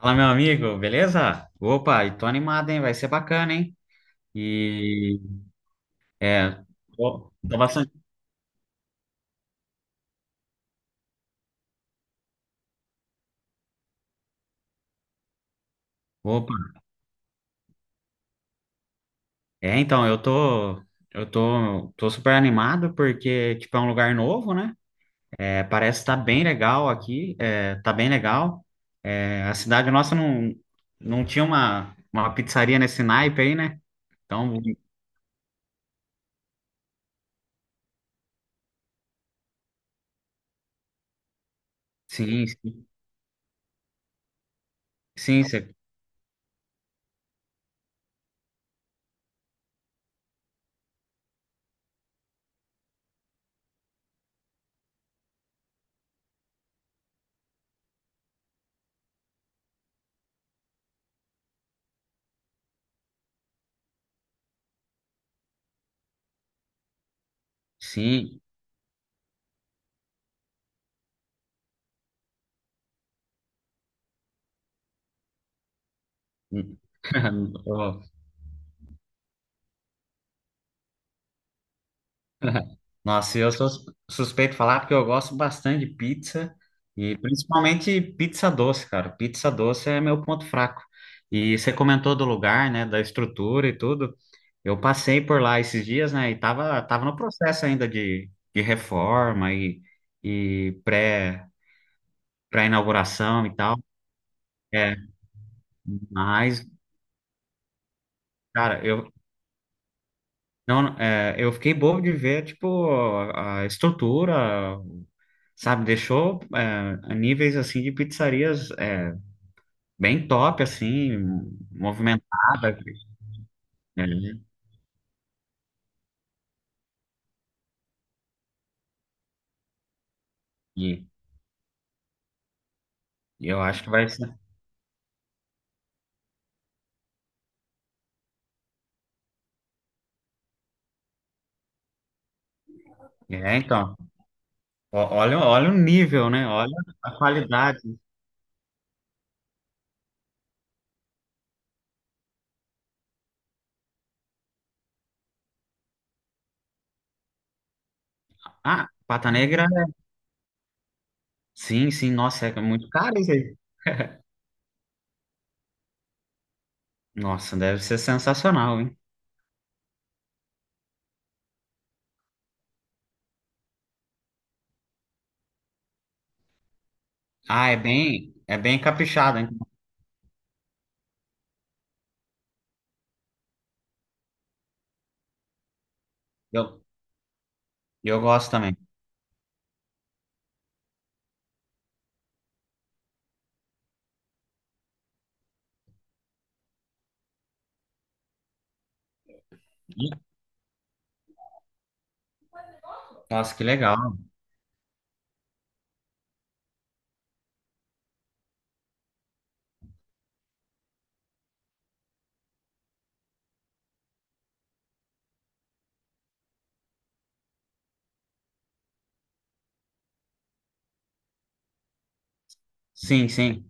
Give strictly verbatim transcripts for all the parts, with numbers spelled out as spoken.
Fala, meu amigo, beleza? Opa, e tô animado, hein? Vai ser bacana, hein? E é, tô, tô bastante. Opa, é, então, eu tô, eu tô, tô super animado porque, tipo, é um lugar novo, né? É, parece estar tá bem legal aqui, é, tá bem legal. É, a cidade nossa não, não tinha uma, uma pizzaria nesse naipe aí, né? Então, sim, sim, sim, cê- sim. Nossa, eu sou sus- suspeito de falar porque eu gosto bastante de pizza e principalmente pizza doce, cara. Pizza doce é meu ponto fraco. E você comentou do lugar, né, da estrutura e tudo. Eu passei por lá esses dias, né, e tava, tava no processo ainda de, de reforma e, e pré, pré-inauguração e tal. É, mas, cara, eu, não, é, eu fiquei bobo de ver, tipo, a a estrutura. Sabe? Deixou é, níveis assim de pizzarias é, bem top, assim, movimentada, né? E, e eu acho que vai ser. É, então, ó- olha, olha o nível, né? Olha a qualidade. Ah, Pata Negra, sim, sim, nossa, é muito caro isso aí. Nossa, deve ser sensacional, hein? Ah, é bem, é bem caprichado, hein? Eu, eu gosto também. Ih, nossa, que legal. Sim, sim.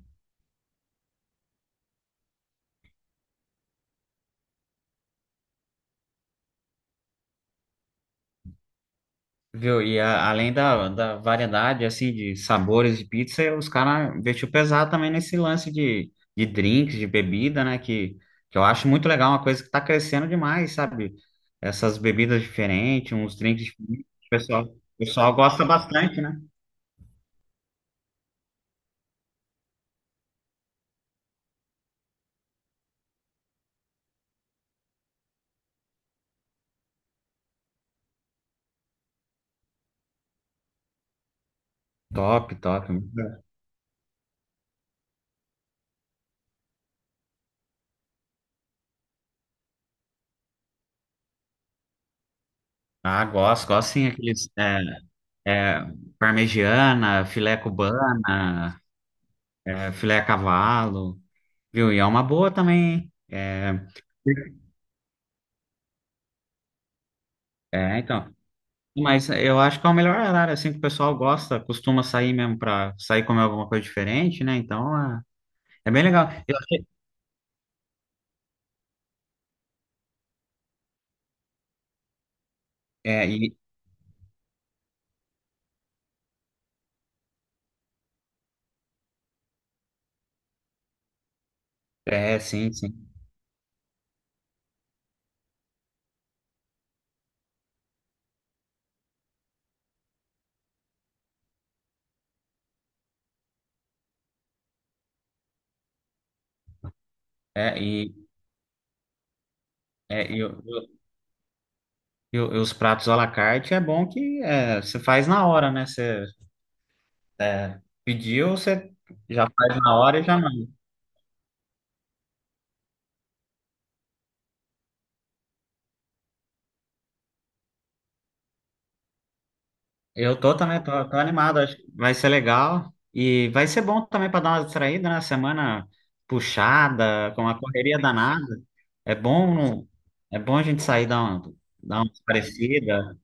Viu? E a- além da, da variedade, assim, de sabores de pizza, os caras investiu pesado também nesse lance de, de drinks, de bebida, né? Que, que eu acho muito legal, uma coisa que tá crescendo demais, sabe? Essas bebidas diferentes, uns drinks diferentes. O pessoal, o pessoal gosta bastante, né? Top, top. Ah, gosto, gosto sim. Aqueles, é, é, parmegiana, filé cubana, é, filé a cavalo, viu? E é uma boa também, hein? É, é, então. Mas eu acho que é o melhor horário, assim, que o pessoal gosta, costuma sair mesmo para sair comer alguma coisa diferente, né? Então, é, é bem legal. Eu achei- é, e, é, sim, sim. É, e, é, e, o- e o- e os pratos à la carte é bom que é, você faz na hora, né? Você é, pediu, você já faz na hora e já. Eu tô também, tô, tô animado, acho que vai ser legal e vai ser bom também para dar uma distraída, né? Semana puxada, com uma correria danada. É bom, não- é bom a gente sair dar uma, dar uma parecida.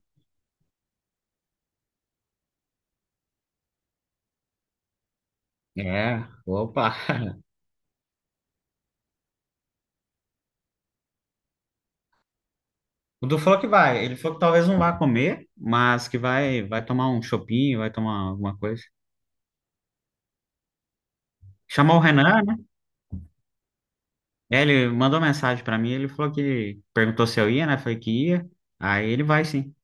É, opa. O Du falou que vai, ele falou que talvez não vá comer, mas que vai, vai tomar um chopinho, vai tomar alguma coisa. Chamou o Renan, né? É, ele mandou mensagem para mim, ele falou que perguntou se eu ia, né? Falei que ia. Aí ele vai sim.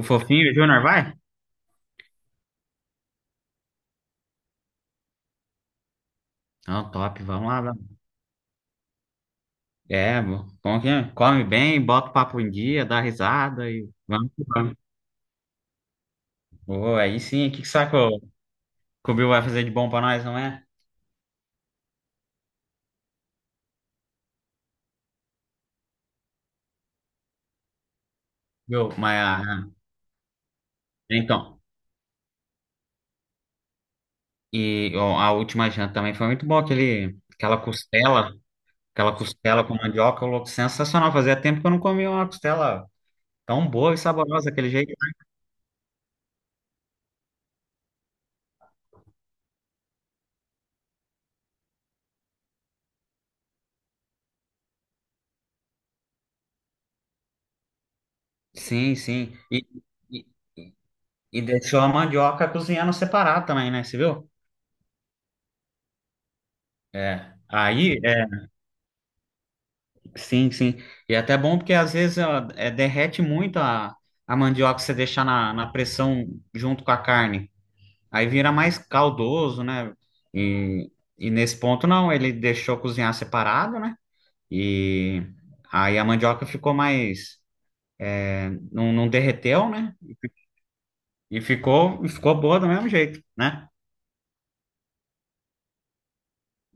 O Fofinho, o Júnior vai? Não, top, vamos lá. É, bom que é? Come bem, bota o papo em dia, dá risada e vamos que vamos. Ô, aí sim, o que que sabe que o que o Bill vai fazer de bom pra nós, não é? Viu? Mas, ah, então, e ó, a última janta também foi muito boa, aquele, aquela costela, aquela costela com mandioca, louco, sensacional. Fazia tempo que eu não comia uma costela tão boa e saborosa daquele jeito. Sim, sim. E, e, e deixou a mandioca cozinhando separado também, né? Você viu? É. Aí, é, sim, sim. E é até bom porque às vezes ó, é, derrete muito a, a mandioca se você deixar na, na pressão junto com a carne. Aí vira mais caldoso, né? E, e nesse ponto não, ele deixou cozinhar separado, né? E aí a mandioca ficou mais. Não, não derreteu, né? E ficou, e ficou boa do mesmo jeito, né?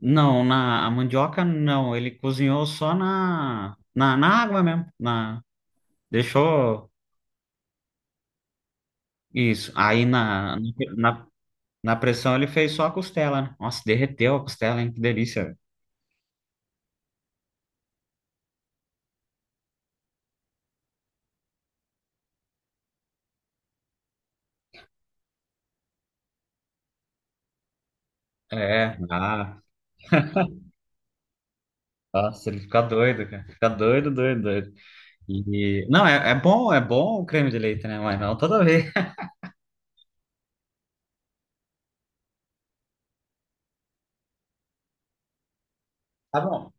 Não, na a mandioca não, ele cozinhou só na, na, na água mesmo. Na, deixou isso. Aí na, na Na pressão ele fez só a costela, né? Nossa, derreteu a costela, hein? Que delícia, velho. É, ah, nossa, ele fica doido, cara. Fica doido, doido, doido. E, não, é, é bom, é bom o creme de leite, né? Mas não toda vez. Tá bom.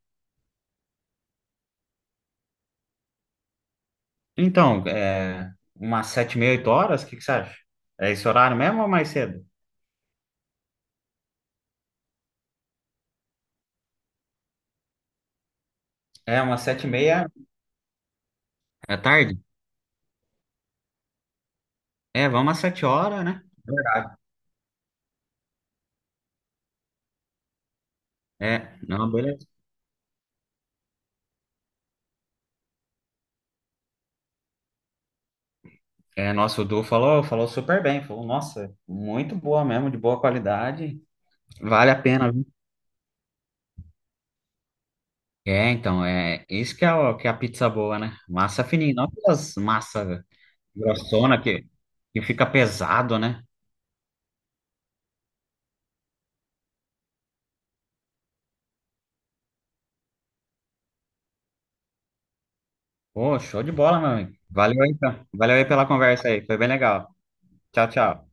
Então, é, umas sete e meia, oito horas, o que que você acha? É esse horário mesmo ou mais cedo? É, umas sete e meia. É tarde? É, vamos às sete horas, né? É, não, beleza. É, nossa, o Du falou, falou super bem. Falou, nossa, muito boa mesmo, de boa qualidade. Vale a pena. É, então, é isso que é, o- que é a pizza boa, né? Massa fininha, não aquelas massa grossona que, que fica pesado, né? Pô, show de bola, meu amigo. Valeu aí, então. Valeu aí pela conversa aí, foi bem legal. Tchau, tchau.